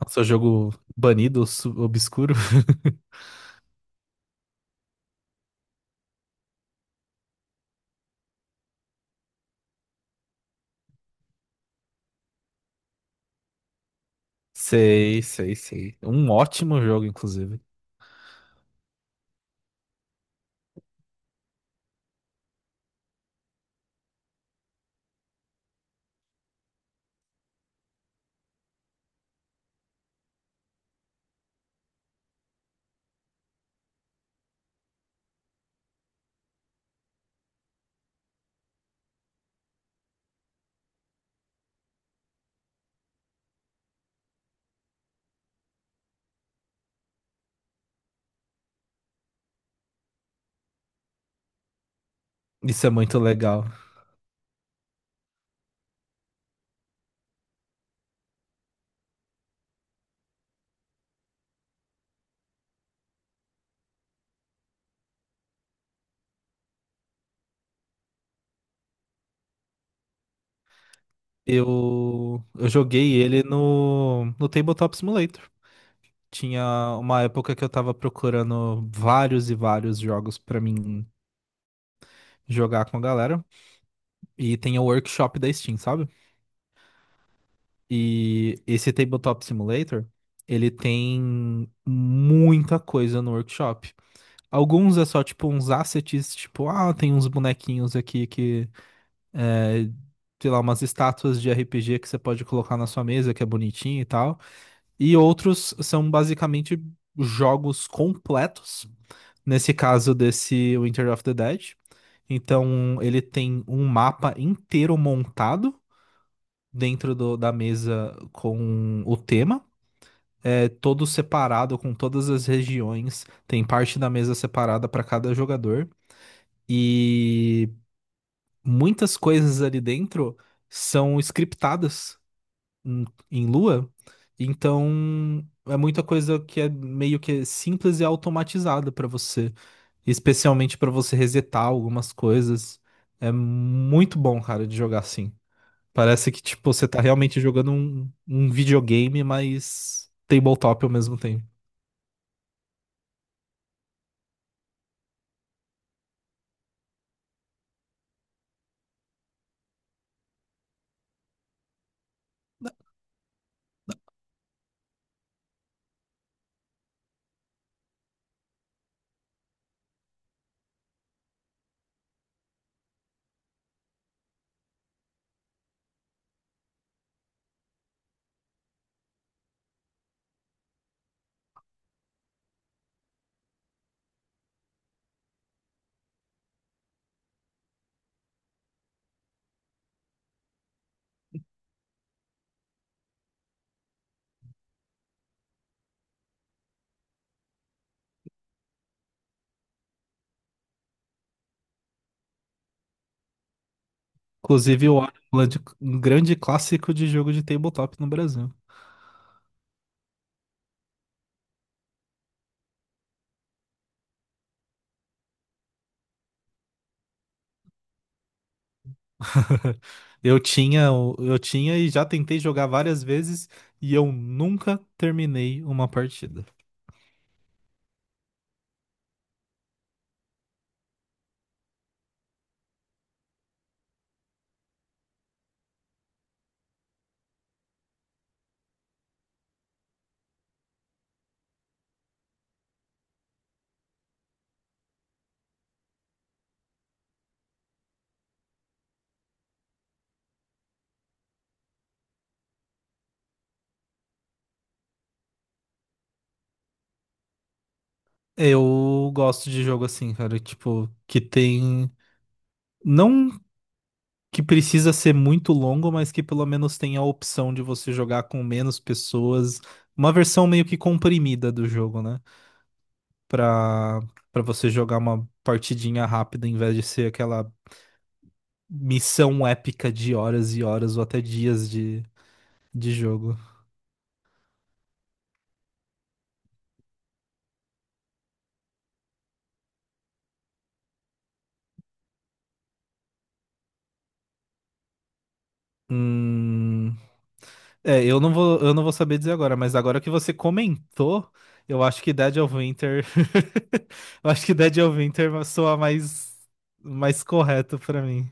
Nossa, jogo banido, obscuro. Sei, sei, sei. Um ótimo jogo, inclusive. Isso é muito legal. Eu joguei ele no Tabletop Simulator. Tinha uma época que eu tava procurando vários e vários jogos pra mim jogar com a galera. E tem o workshop da Steam, sabe? E esse Tabletop Simulator, ele tem muita coisa no workshop. Alguns é só tipo uns assets, tipo, ah, tem uns bonequinhos aqui que, é, sei lá, umas estátuas de RPG que você pode colocar na sua mesa, que é bonitinho e tal. E outros são basicamente jogos completos. Nesse caso desse Winter of the Dead. Então, ele tem um mapa inteiro montado da mesa com o tema. É todo separado com todas as regiões. Tem parte da mesa separada para cada jogador. E muitas coisas ali dentro são scriptadas em em Lua, então é muita coisa que é meio que simples e automatizada para você, especialmente para você resetar algumas coisas. É muito bom, cara, de jogar assim. Parece que tipo você tá realmente jogando um videogame, mas tabletop ao mesmo tempo. Inclusive, o Orange é um grande clássico de jogo de tabletop no Brasil. Eu tinha, eu tinha e já tentei jogar várias vezes e eu nunca terminei uma partida. Eu gosto de jogo assim, cara, tipo, que tem, não que precisa ser muito longo, mas que pelo menos tem a opção de você jogar com menos pessoas, uma versão meio que comprimida do jogo, né? Pra, pra você jogar uma partidinha rápida em vez de ser aquela missão épica de horas e horas ou até dias de jogo. Hum, é, eu não vou saber dizer agora, mas agora que você comentou, eu acho que Dead of Winter, eu acho que Dead of Winter soa mais, mais correto pra mim.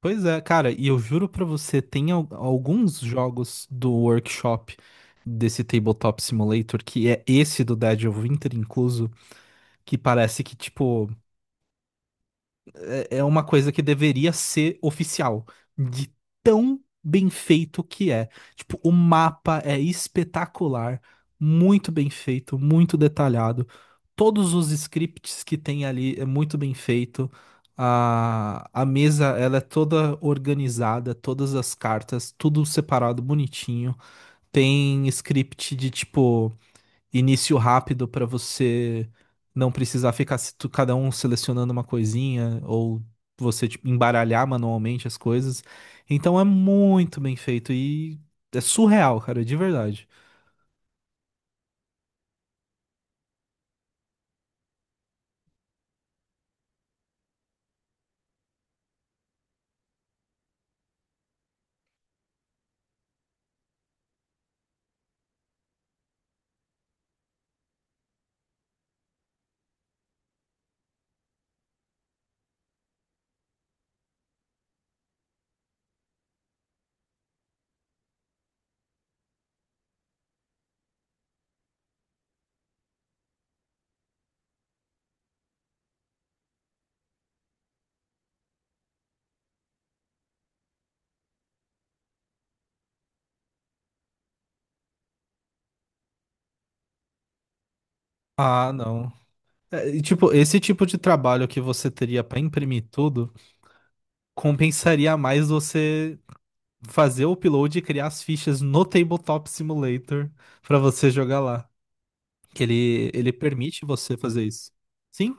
Pois é, cara, e eu juro pra você, tem alguns jogos do workshop desse Tabletop Simulator, que é esse do Dead of Winter incluso, que parece que, tipo, é uma coisa que deveria ser oficial, de tão bem feito que é. Tipo, o mapa é espetacular, muito bem feito, muito detalhado. Todos os scripts que tem ali é muito bem feito. A mesa, ela é toda organizada, todas as cartas, tudo separado, bonitinho. Tem script de tipo início rápido para você não precisar ficar cada um selecionando uma coisinha ou você tipo, embaralhar manualmente as coisas. Então é muito bem feito e é surreal, cara, de verdade. Ah, não. É, e, tipo, esse tipo de trabalho que você teria para imprimir tudo compensaria mais você fazer o upload e criar as fichas no Tabletop Simulator para você jogar lá. Que ele permite você fazer isso. Sim,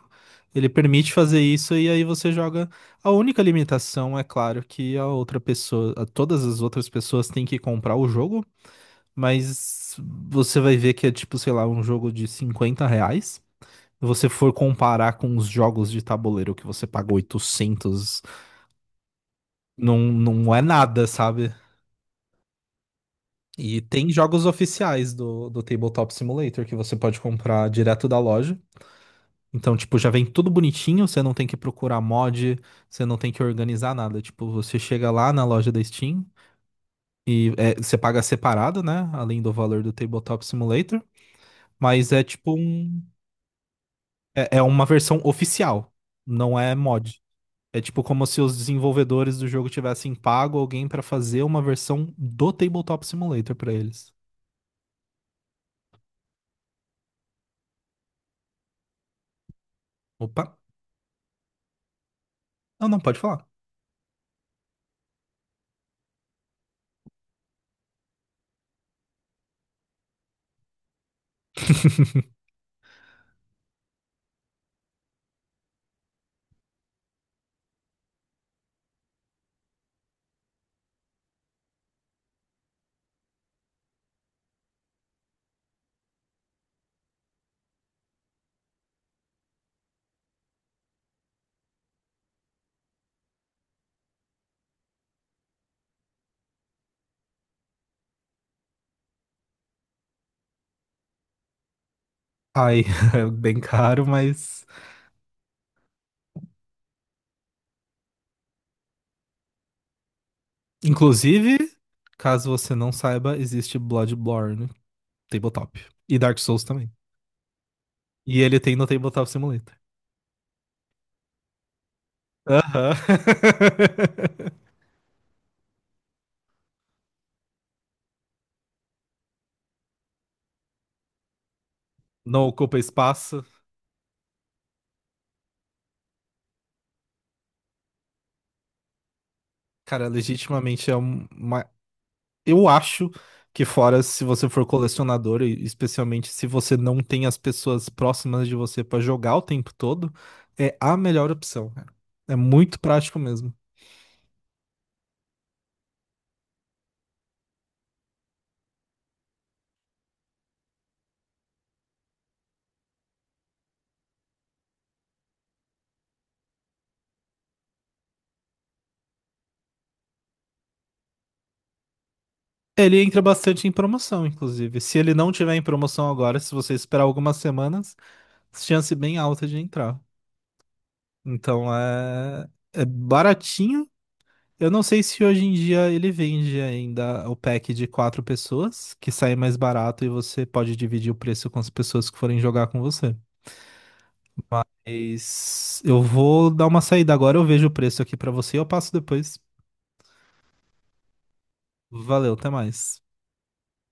ele permite fazer isso e aí você joga. A única limitação é claro que a outra pessoa, todas as outras pessoas têm que comprar o jogo, mas você vai ver que é tipo, sei lá, um jogo de 50 reais. Se você for comparar com os jogos de tabuleiro que você paga 800 não, não é nada, sabe? E tem jogos oficiais do Tabletop Simulator que você pode comprar direto da loja. Então, tipo, já vem tudo bonitinho, você não tem que procurar mod, você não tem que organizar nada. Tipo, você chega lá na loja da Steam e é, você paga separado, né? Além do valor do Tabletop Simulator. Mas é tipo um. É uma versão oficial, não é mod. É tipo como se os desenvolvedores do jogo tivessem pago alguém pra fazer uma versão do Tabletop Simulator pra eles. Opa! Não, não, pode falar. Aí, é bem caro, mas. Inclusive, caso você não saiba, existe Bloodborne Tabletop. E Dark Souls também. E ele tem no Tabletop Simulator. Aham. Não ocupa espaço. Cara, legitimamente é um, uma. Eu acho que, fora se você for colecionador, e especialmente se você não tem as pessoas próximas de você pra jogar o tempo todo, é a melhor opção, cara. É muito prático mesmo. Ele entra bastante em promoção, inclusive. Se ele não tiver em promoção agora, se você esperar algumas semanas, chance bem alta de entrar. Então é baratinho. Eu não sei se hoje em dia ele vende ainda o pack de quatro pessoas, que sai mais barato e você pode dividir o preço com as pessoas que forem jogar com você. Mas eu vou dar uma saída agora, eu vejo o preço aqui pra você e eu passo depois. Valeu, até mais.